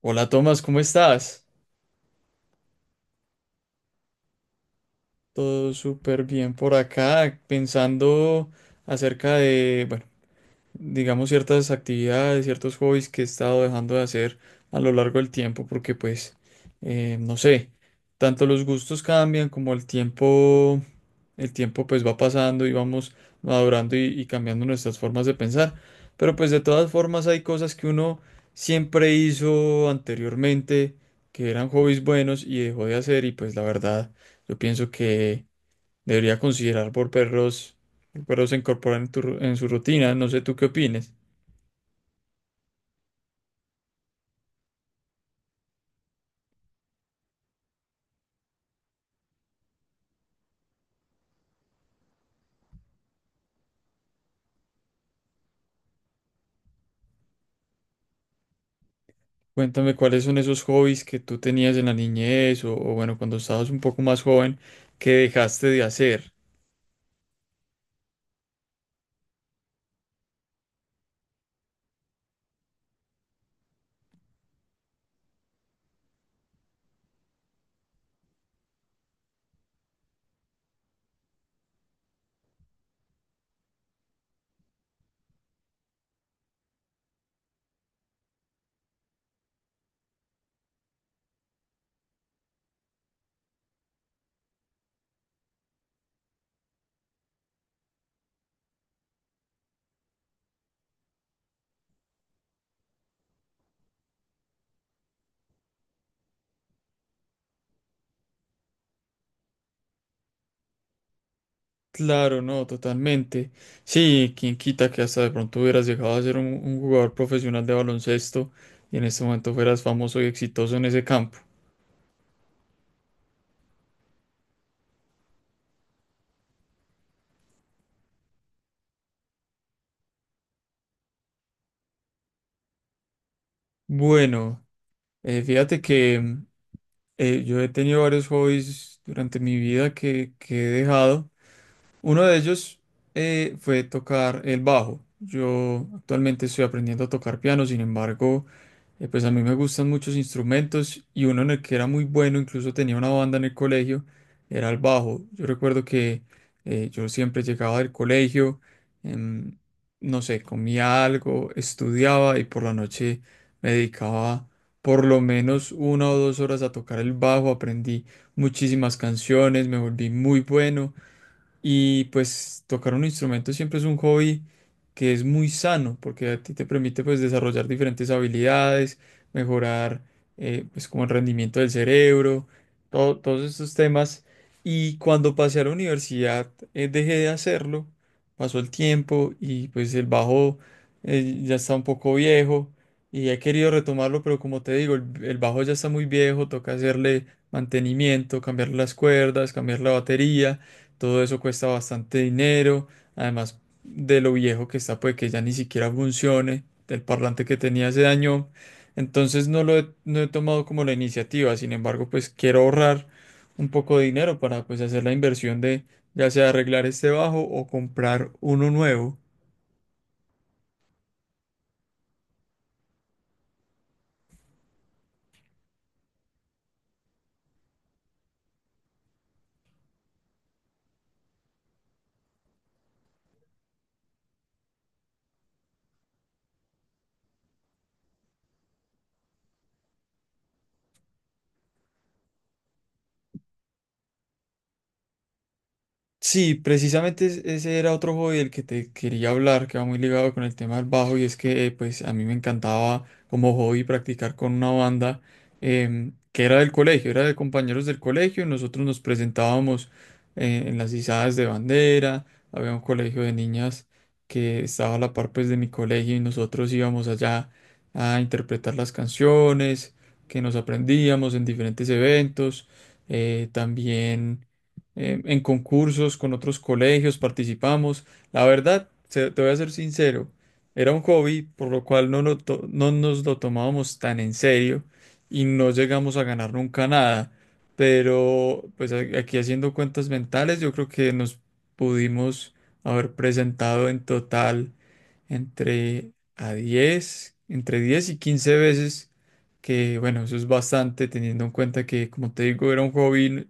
Hola Tomás, ¿cómo estás? Todo súper bien por acá, pensando acerca de, bueno, digamos ciertas actividades, ciertos hobbies que he estado dejando de hacer a lo largo del tiempo, porque pues, no sé, tanto los gustos cambian como el tiempo. El tiempo pues va pasando y vamos madurando y cambiando nuestras formas de pensar. Pero pues de todas formas hay cosas que uno siempre hizo anteriormente, que eran hobbies buenos y dejó de hacer y pues la verdad yo pienso que debería considerar volverlos, volverlos a incorporar en en su rutina. No sé tú qué opines. Cuéntame cuáles son esos hobbies que tú tenías en la niñez o bueno, cuando estabas un poco más joven que dejaste de hacer. Claro, no, totalmente. Sí, quién quita que hasta de pronto hubieras llegado a ser un jugador profesional de baloncesto y en este momento fueras famoso y exitoso en ese campo. Bueno, fíjate que yo he tenido varios hobbies durante mi vida que he dejado. Uno de ellos fue tocar el bajo. Yo actualmente estoy aprendiendo a tocar piano, sin embargo, pues a mí me gustan muchos instrumentos y uno en el que era muy bueno, incluso tenía una banda en el colegio, era el bajo. Yo recuerdo que yo siempre llegaba del colegio, em, no sé, comía algo, estudiaba y por la noche me dedicaba por lo menos una o dos horas a tocar el bajo. Aprendí muchísimas canciones, me volví muy bueno y pues tocar un instrumento siempre es un hobby que es muy sano porque a ti te permite pues desarrollar diferentes habilidades, mejorar pues como el rendimiento del cerebro, todos estos temas. Y cuando pasé a la universidad dejé de hacerlo, pasó el tiempo y pues el bajo ya está un poco viejo y he querido retomarlo, pero como te digo, el bajo ya está muy viejo, toca hacerle mantenimiento, cambiar las cuerdas, cambiar la batería. Todo eso cuesta bastante dinero. Además de lo viejo que está, puede que ya ni siquiera funcione. El parlante que tenía se dañó. Entonces no he tomado como la iniciativa. Sin embargo, pues quiero ahorrar un poco de dinero para pues hacer la inversión de ya sea arreglar este bajo o comprar uno nuevo. Sí, precisamente ese era otro hobby del que te quería hablar, que va muy ligado con el tema del bajo, y es que pues a mí me encantaba como hobby practicar con una banda que era del colegio, era de compañeros del colegio, y nosotros nos presentábamos en las izadas de bandera, había un colegio de niñas que estaba a la par pues de mi colegio y nosotros íbamos allá a interpretar las canciones que nos aprendíamos en diferentes eventos, también en concursos con otros colegios, participamos. La verdad, te voy a ser sincero, era un hobby por lo cual no nos lo tomábamos tan en serio y no llegamos a ganar nunca nada. Pero pues aquí haciendo cuentas mentales, yo creo que nos pudimos haber presentado en total entre 10 y 15 veces, que bueno, eso es bastante teniendo en cuenta que, como te digo, era un hobby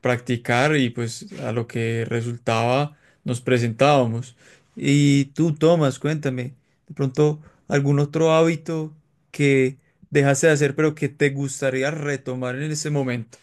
practicar y pues a lo que resultaba nos presentábamos. Y tú, Tomás, cuéntame, de pronto algún otro hábito que dejaste de hacer pero que te gustaría retomar en ese momento.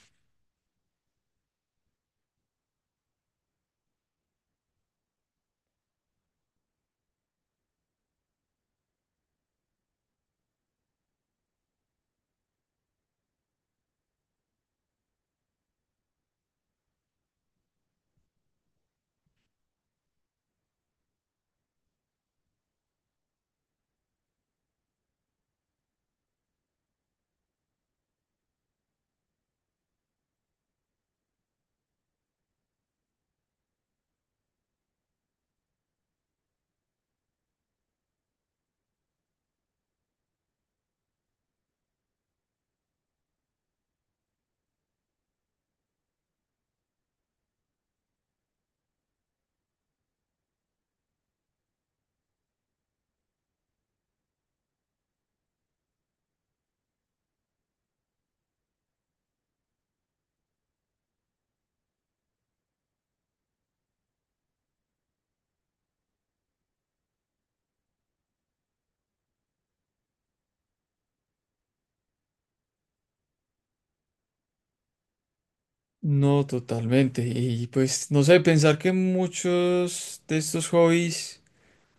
No, totalmente. Y pues no sé, pensar que muchos de estos hobbies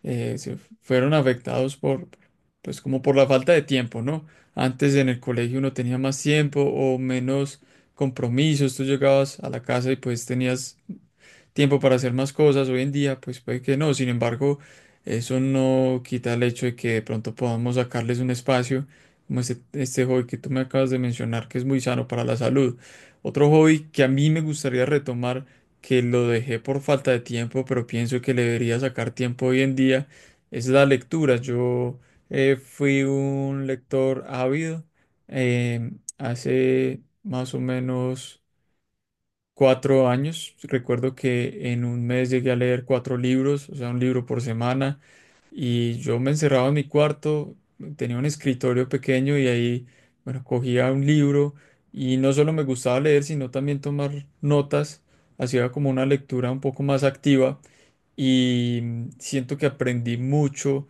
se fueron afectados por, pues como por la falta de tiempo, ¿no? Antes en el colegio uno tenía más tiempo o menos compromisos, tú llegabas a la casa y pues tenías tiempo para hacer más cosas. Hoy en día, pues puede que no. Sin embargo, eso no quita el hecho de que de pronto podamos sacarles un espacio, como este hobby que tú me acabas de mencionar, que es muy sano para la salud. Otro hobby que a mí me gustaría retomar, que lo dejé por falta de tiempo, pero pienso que le debería sacar tiempo hoy en día, es la lectura. Yo fui un lector ávido eh, hace más o menos cuatro años. Recuerdo que en un mes llegué a leer cuatro libros, o sea, un libro por semana, y yo me encerraba en mi cuarto, tenía un escritorio pequeño y ahí, bueno, cogía un libro y no solo me gustaba leer, sino también tomar notas, hacía como una lectura un poco más activa. Y siento que aprendí mucho.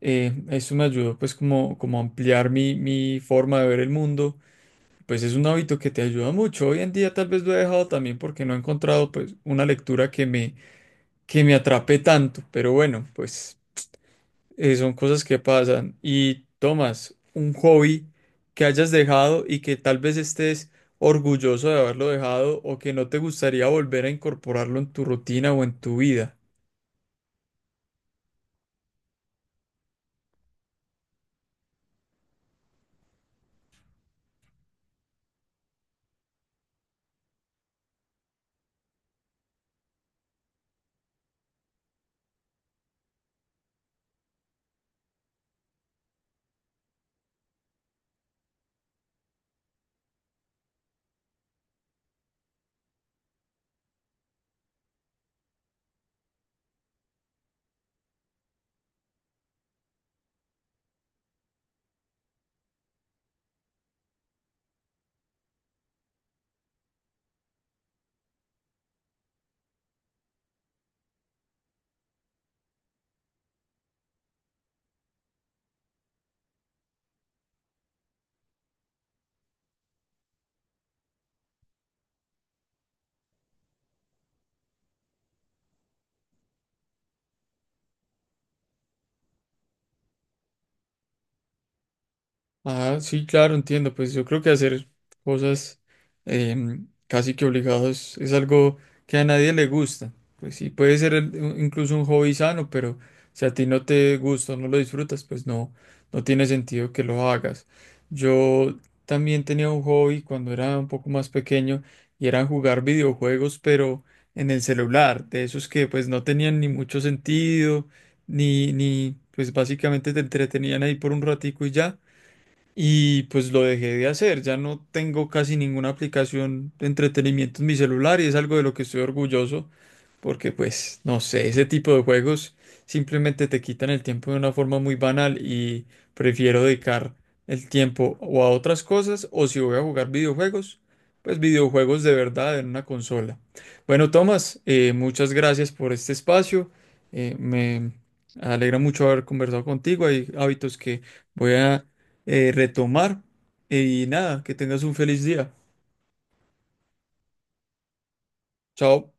Eso me ayudó pues como a ampliar mi forma de ver el mundo, pues es un hábito que te ayuda mucho. Hoy en día tal vez lo he dejado también porque no he encontrado pues una lectura que me atrape tanto. Pero bueno, pues son cosas que pasan. Y Tomás, un hobby que hayas dejado y que tal vez estés orgulloso de haberlo dejado o que no te gustaría volver a incorporarlo en tu rutina o en tu vida. Ah, sí, claro, entiendo. Pues yo creo que hacer cosas casi que obligados es algo que a nadie le gusta. Pues sí, puede ser incluso un hobby sano, pero si a ti no te gusta, o no lo disfrutas, pues no, no tiene sentido que lo hagas. Yo también tenía un hobby cuando era un poco más pequeño y era jugar videojuegos, pero en el celular, de esos que pues no tenían ni mucho sentido, ni pues básicamente te entretenían ahí por un ratico y ya. Y pues lo dejé de hacer, ya no tengo casi ninguna aplicación de entretenimiento en mi celular y es algo de lo que estoy orgulloso porque pues no sé, ese tipo de juegos simplemente te quitan el tiempo de una forma muy banal y prefiero dedicar el tiempo o a otras cosas o si voy a jugar videojuegos, pues videojuegos de verdad en una consola. Bueno, Tomás, muchas gracias por este espacio, me alegra mucho haber conversado contigo, hay hábitos que voy a retomar. Y nada, que tengas un feliz día. Chao.